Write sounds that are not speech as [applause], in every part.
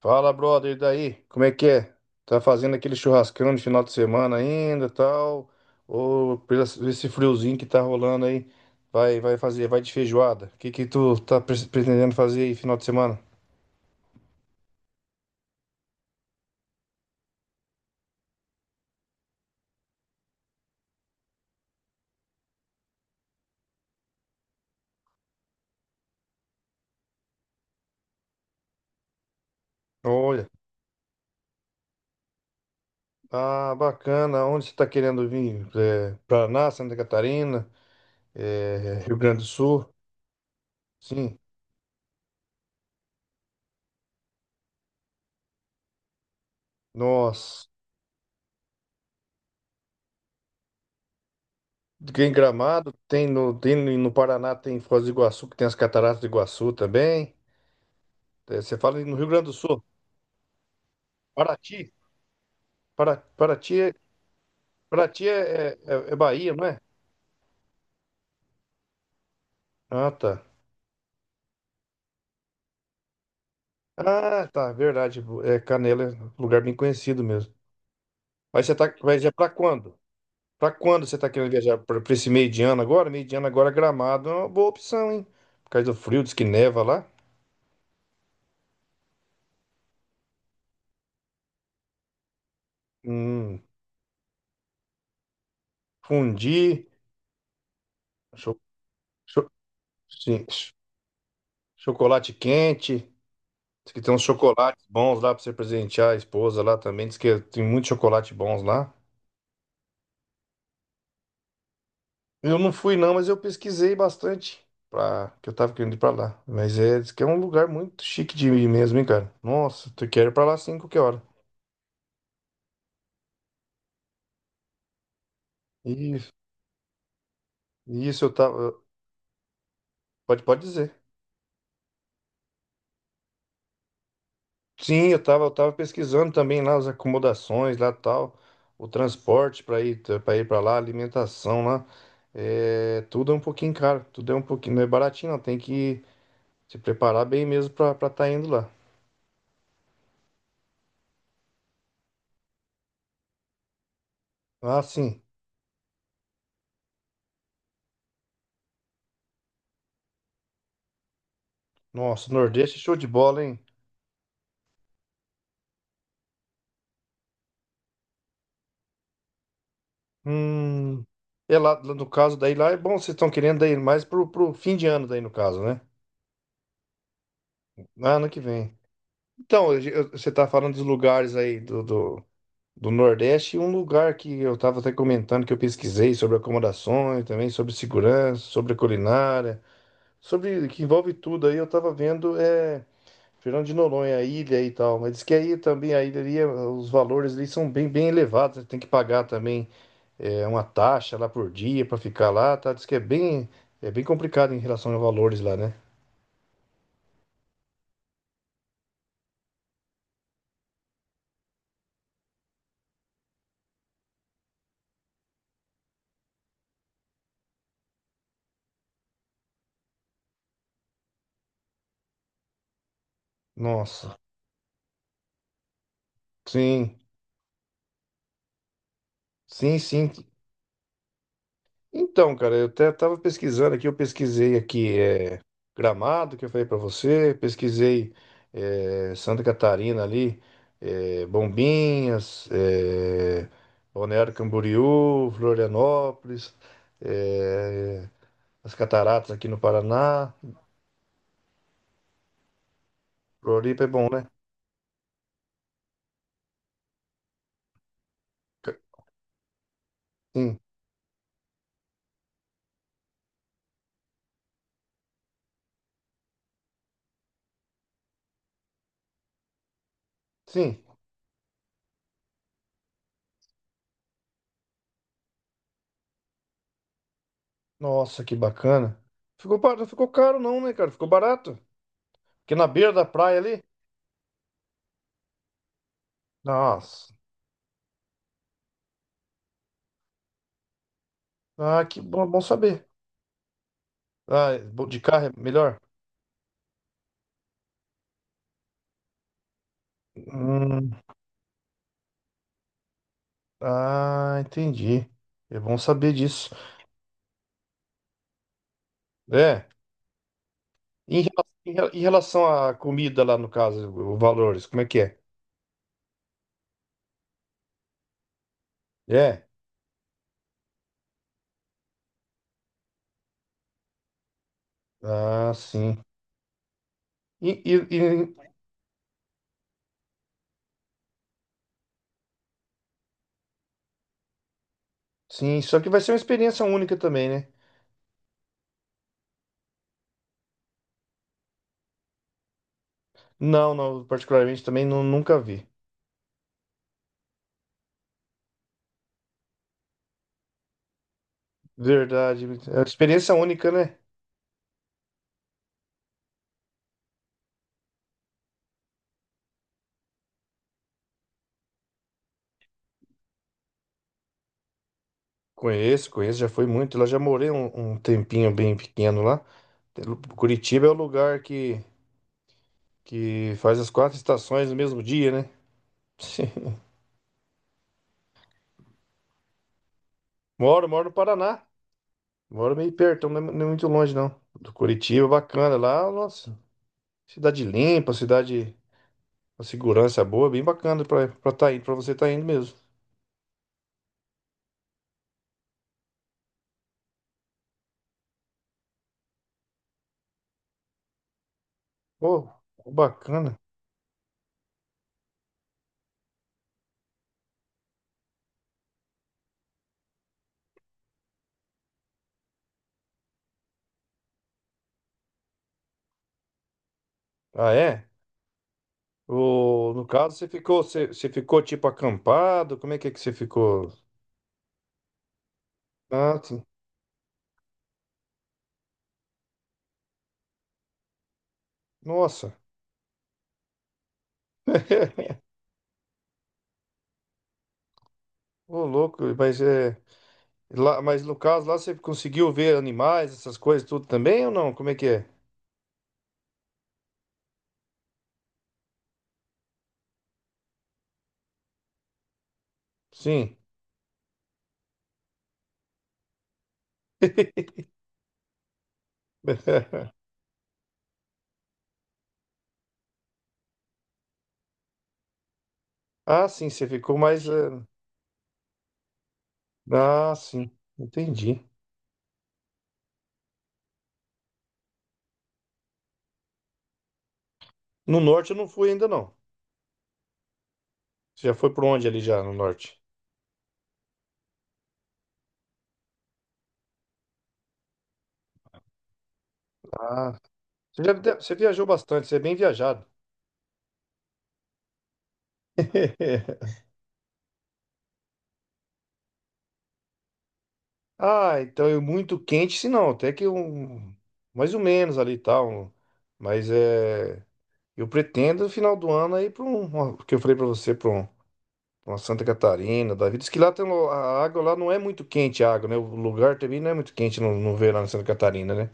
Fala, brother, e daí? Como é que é? Tá fazendo aquele churrascão de final de semana ainda, tal? Ou pelo esse friozinho que tá rolando aí, vai fazer, vai de feijoada? O que que tu tá pretendendo fazer aí final de semana? Olha, ah, bacana. Onde você tá querendo vir? É, Paraná, Santa Catarina, é, Rio Grande do Sul? Sim. Nossa. Tem Gramado, tem no Paraná, tem Foz do Iguaçu, que tem as Cataratas do Iguaçu também. É, você fala no Rio Grande do Sul. Paraty? Paraty, é- Paraty é é Bahia, não é? Ah, tá. Ah, tá, verdade. É, Canela é um lugar bem conhecido mesmo. Mas você tá, vai viajar para quando? Para quando você tá querendo viajar? Para esse meio de ano agora? Meio de ano agora, Gramado é uma boa opção, hein? Por causa do frio, diz que neva lá. Hum, fundi, cho- cho- sim, ch- chocolate quente. Diz que tem uns chocolates bons lá para você presentear a esposa lá também. Diz que tem muitos chocolates bons lá. Eu não fui não, mas eu pesquisei bastante para que eu tava querendo ir para lá. Mas é, diz que é um lugar muito chique de ir mesmo, hein, cara. Nossa, tu quer ir para lá sim, qualquer hora. Isso, isso eu tava, pode dizer. Sim, eu tava pesquisando também lá as acomodações lá tal, o transporte para ir para lá, alimentação lá. É, tudo é um pouquinho caro, tudo é um pouquinho, não é baratinho, não, tem que se preparar bem mesmo para estar indo lá. Ah, sim. Nossa, Nordeste é show de bola, hein? Hum, é lá no caso daí lá é bom, vocês estão querendo daí mais pro fim de ano daí no caso, né? Ah, ano que vem. Então, você tá falando dos lugares aí do, do Nordeste, e um lugar que eu tava até comentando que eu pesquisei sobre acomodações, também sobre segurança, sobre culinária, sobre que envolve tudo aí, eu tava vendo é Fernando de Noronha, a ilha e tal, mas diz que aí também a ilha ali, os valores ali são bem bem elevados, tem que pagar também é uma taxa lá por dia para ficar lá, tá? Diz que é bem complicado em relação a valores lá, né? Nossa, sim, sim, sim. Então, cara, eu até tava pesquisando aqui, eu pesquisei aqui é, Gramado, que eu falei pra você, pesquisei é, Santa Catarina ali, é, Bombinhas, é, Balneário Camboriú, Florianópolis, é, as Cataratas aqui no Paraná, Floripa é bom, né? Ca- Sim, sim. Nossa, que bacana. Ficou, não ficou caro não, né, cara? Ficou barato. Porque na beira da praia ali. Nossa. Ah, que bom, bom saber. Ah, de carro é melhor? Hum, ah, entendi. É bom saber disso. É. Em relação à comida lá, no caso, o valores, como é que é? É. Ah, sim. E, e- e- sim, só que vai ser uma experiência única também, né? Não, não, particularmente também nunca vi. Verdade. É uma experiência única, né? Conheço, conheço, já fui muito. Lá já morei um tempinho bem pequeno lá. Curitiba é o lugar que faz as quatro estações no mesmo dia, né? [laughs] Moro, moro no Paraná. Moro meio perto, não é muito longe, não. Do Curitiba, bacana. Lá, nossa, cidade limpa, cidade com segurança boa, bem bacana pra tá indo, pra você tá indo mesmo. Ô, bacana. Ah, é? O, no caso, você ficou tipo acampado? Como é que você ficou? Ah, sim. Nossa. [laughs] Ô, louco, mas é. Lá, mas no caso lá você conseguiu ver animais, essas coisas tudo também ou não? Como é que é? Sim. [laughs] Ah, sim, você ficou mais. Ah, sim, entendi. No norte eu não fui ainda não. Você já foi por onde ali já no norte? Ah, você viajou bastante, você é bem viajado. [laughs] Ah, então é muito quente, se não, até que um mais ou menos ali e tal. Mas é, eu pretendo no final do ano aí para um, porque eu falei para você, para um uma Santa Catarina, da vida. Diz que lá tem, a água lá não é muito quente, a água, né? O lugar também não é muito quente no verão em Santa Catarina, né?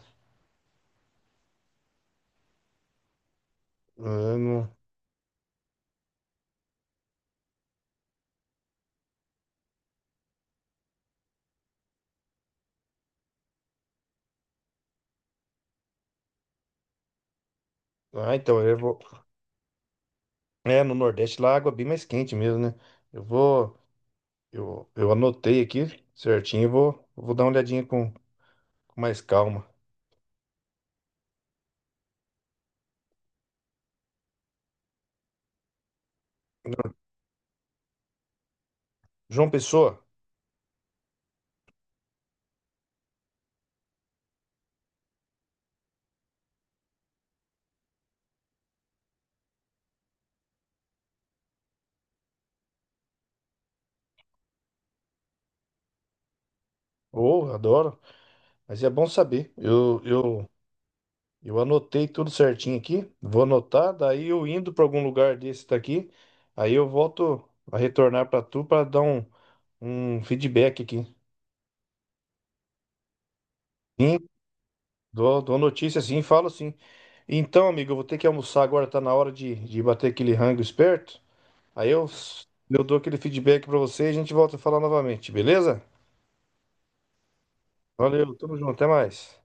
Ah, não- ah, então eu vou. É, no Nordeste lá a água é bem mais quente mesmo, né? Eu vou. Eu anotei aqui certinho, eu vou, vou dar uma olhadinha com mais calma. João Pessoa, oh, adoro, mas é bom saber. Eu anotei tudo certinho aqui, vou anotar, daí eu indo para algum lugar desse daqui, aí eu volto a retornar para tu para dar um um feedback aqui. Sim, dou, dou notícia sim, falo sim. Então, amigo, eu vou ter que almoçar agora, tá na hora de bater aquele rango esperto. Aí eu dou aquele feedback pra você e a gente volta a falar novamente, beleza? Valeu, tamo junto, até mais.